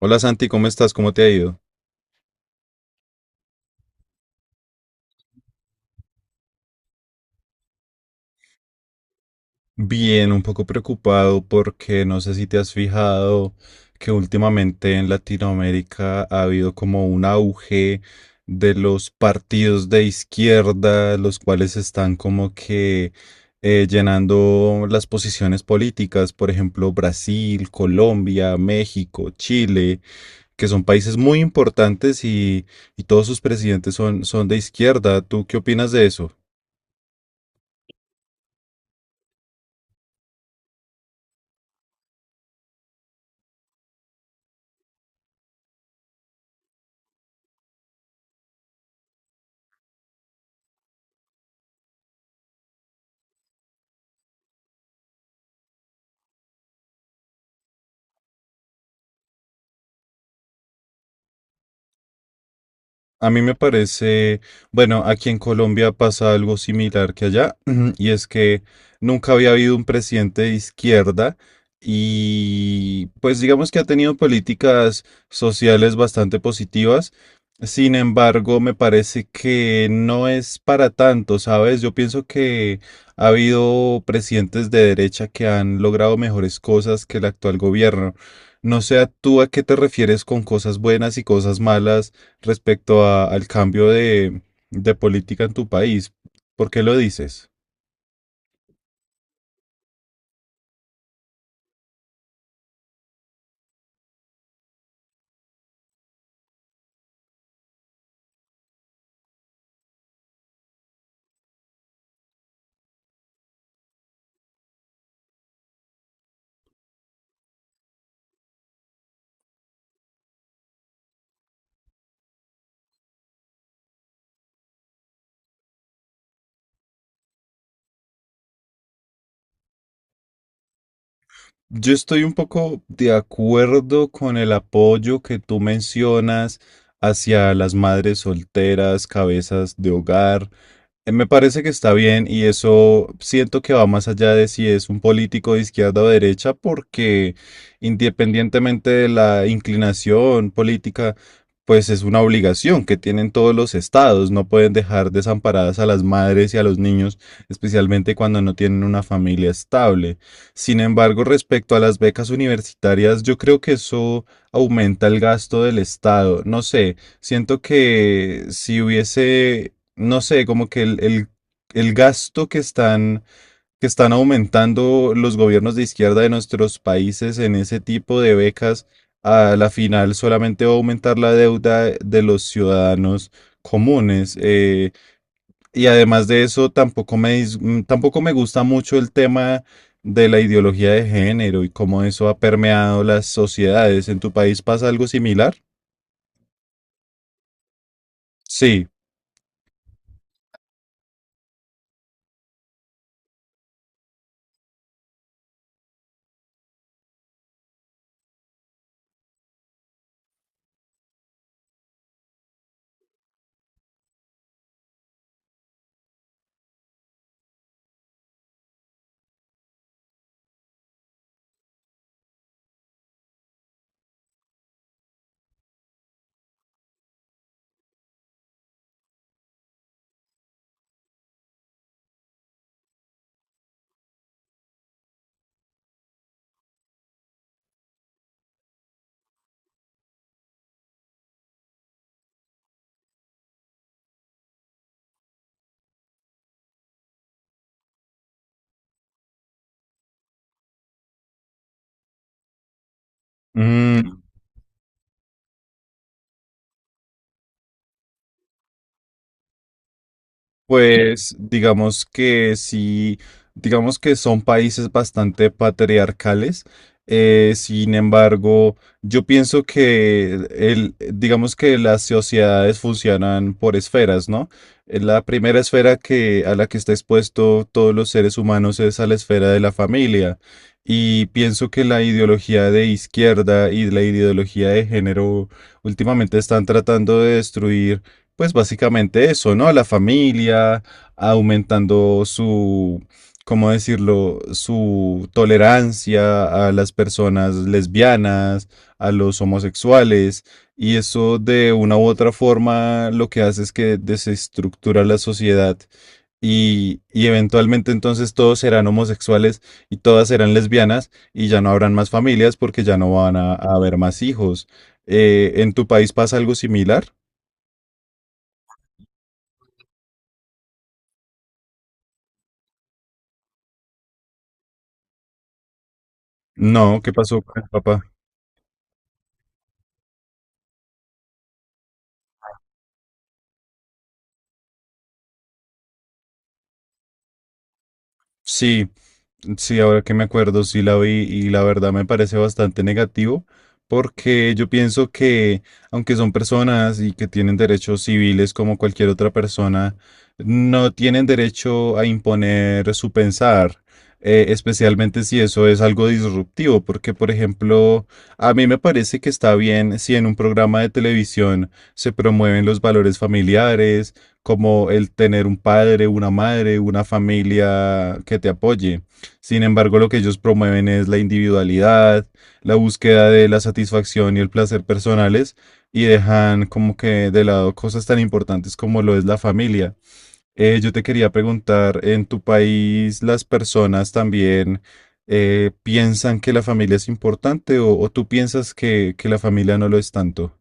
Hola Santi, ¿cómo estás? ¿Cómo te ha ido? Bien, un poco preocupado porque no sé si te has fijado que últimamente en Latinoamérica ha habido como un auge de los partidos de izquierda, los cuales están como que llenando las posiciones políticas, por ejemplo, Brasil, Colombia, México, Chile, que son países muy importantes y todos sus presidentes son de izquierda. ¿Tú qué opinas de eso? A mí me parece, bueno, aquí en Colombia pasa algo similar que allá, y es que nunca había habido un presidente de izquierda y pues digamos que ha tenido políticas sociales bastante positivas. Sin embargo, me parece que no es para tanto, ¿sabes? Yo pienso que ha habido presidentes de derecha que han logrado mejores cosas que el actual gobierno. No sé, ¿a ¿tú a qué te refieres con cosas buenas y cosas malas respecto al cambio de política en tu país? ¿Por qué lo dices? Yo estoy un poco de acuerdo con el apoyo que tú mencionas hacia las madres solteras, cabezas de hogar. Me parece que está bien y eso siento que va más allá de si es un político de izquierda o derecha, porque independientemente de la inclinación política, pues es una obligación que tienen todos los estados. No pueden dejar desamparadas a las madres y a los niños, especialmente cuando no tienen una familia estable. Sin embargo, respecto a las becas universitarias, yo creo que eso aumenta el gasto del estado. No sé, siento que si hubiese, no sé, como que el gasto que que están aumentando los gobiernos de izquierda de nuestros países en ese tipo de becas, a la final solamente va a aumentar la deuda de los ciudadanos comunes. Y además de eso, tampoco me, tampoco me gusta mucho el tema de la ideología de género y cómo eso ha permeado las sociedades. ¿En tu país pasa algo similar? Sí. Mm, pues digamos que sí, digamos que son países bastante patriarcales. Sin embargo, yo pienso que el, digamos que las sociedades funcionan por esferas, ¿no? La primera esfera que, a la que está expuesto todos los seres humanos es a la esfera de la familia. Y pienso que la ideología de izquierda y la ideología de género últimamente están tratando de destruir pues básicamente eso, ¿no? La familia, aumentando su, ¿cómo decirlo? Su tolerancia a las personas lesbianas, a los homosexuales, y eso de una u otra forma lo que hace es que desestructura la sociedad. Y eventualmente entonces todos serán homosexuales y todas serán lesbianas y ya no habrán más familias porque ya no van a haber más hijos. ¿En tu país pasa algo similar? No, ¿qué pasó con el papá? Sí, sí, ahora que me acuerdo, sí la vi y la verdad me parece bastante negativo porque yo pienso que aunque son personas y que tienen derechos civiles como cualquier otra persona, no tienen derecho a imponer su pensar, especialmente si eso es algo disruptivo, porque por ejemplo, a mí me parece que está bien si en un programa de televisión se promueven los valores familiares, como el tener un padre, una madre, una familia que te apoye. Sin embargo, lo que ellos promueven es la individualidad, la búsqueda de la satisfacción y el placer personales, y dejan como que de lado cosas tan importantes como lo es la familia. Yo te quería preguntar, ¿en tu país las personas también piensan que la familia es importante, o tú piensas que la familia no lo es tanto?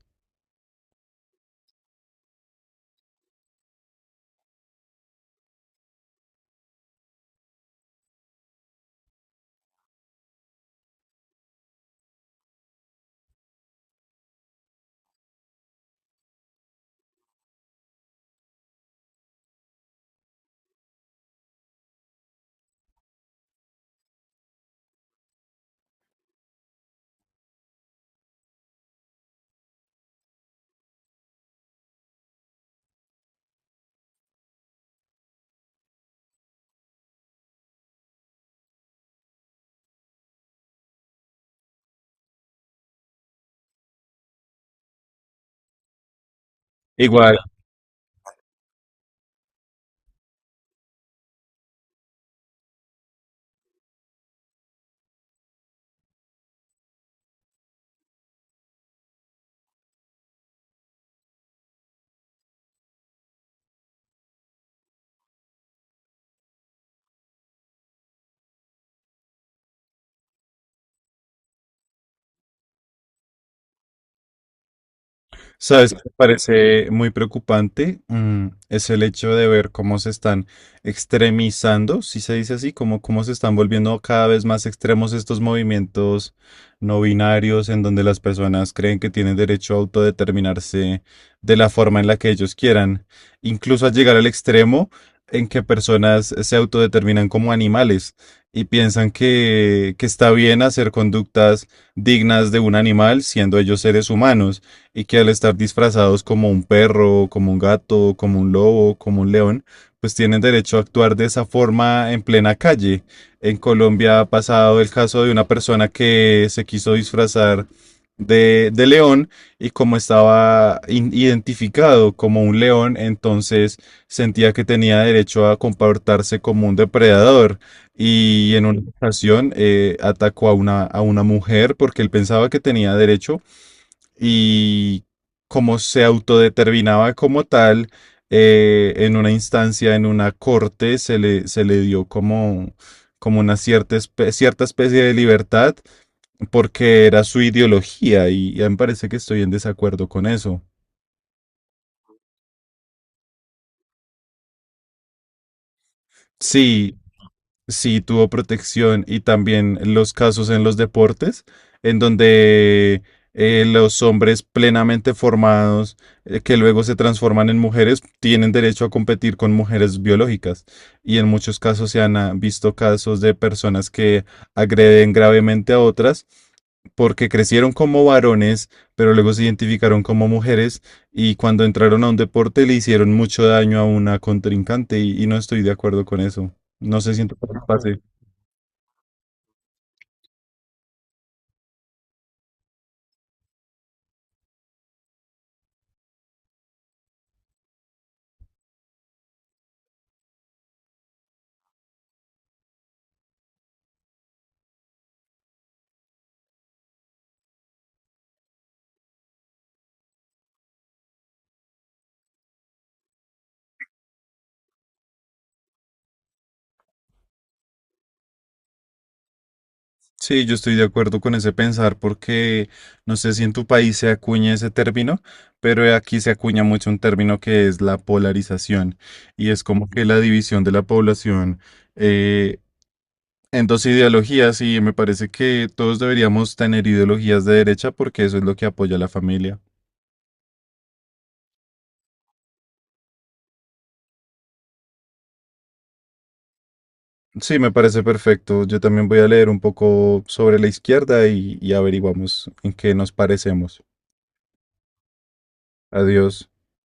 ¿Sabes qué me parece muy preocupante? Mm, es el hecho de ver cómo se están extremizando, si se dice así, como cómo se están volviendo cada vez más extremos estos movimientos no binarios en donde las personas creen que tienen derecho a autodeterminarse de la forma en la que ellos quieran, incluso a llegar al extremo en que personas se autodeterminan como animales y piensan que está bien hacer conductas dignas de un animal siendo ellos seres humanos, y que al estar disfrazados como un perro, como un gato, como un lobo, como un león, pues tienen derecho a actuar de esa forma en plena calle. En Colombia ha pasado el caso de una persona que se quiso disfrazar de león, y como estaba identificado como un león, entonces sentía que tenía derecho a comportarse como un depredador, y en una ocasión atacó a a una mujer porque él pensaba que tenía derecho, y como se autodeterminaba como tal, en una instancia, en una corte, se se le dio como como una cierta, cierta especie de libertad porque era su ideología, y me parece que estoy en desacuerdo con eso. Sí, sí tuvo protección, y también los casos en los deportes, en donde los hombres plenamente formados, que luego se transforman en mujeres, tienen derecho a competir con mujeres biológicas. Y en muchos casos se han ah, visto casos de personas que agreden gravemente a otras porque crecieron como varones, pero luego se identificaron como mujeres, y cuando entraron a un deporte le hicieron mucho daño a una contrincante, y no estoy de acuerdo con eso. No sé si en tu país pase. Sí, yo estoy de acuerdo con ese pensar porque no sé si en tu país se acuña ese término, pero aquí se acuña mucho un término que es la polarización, y es como que la división de la población eh, en dos ideologías, y me parece que todos deberíamos tener ideologías de derecha porque eso es lo que apoya a la familia. Sí, me parece perfecto. Yo también voy a leer un poco sobre la izquierda y averiguamos en qué nos parecemos. Adiós.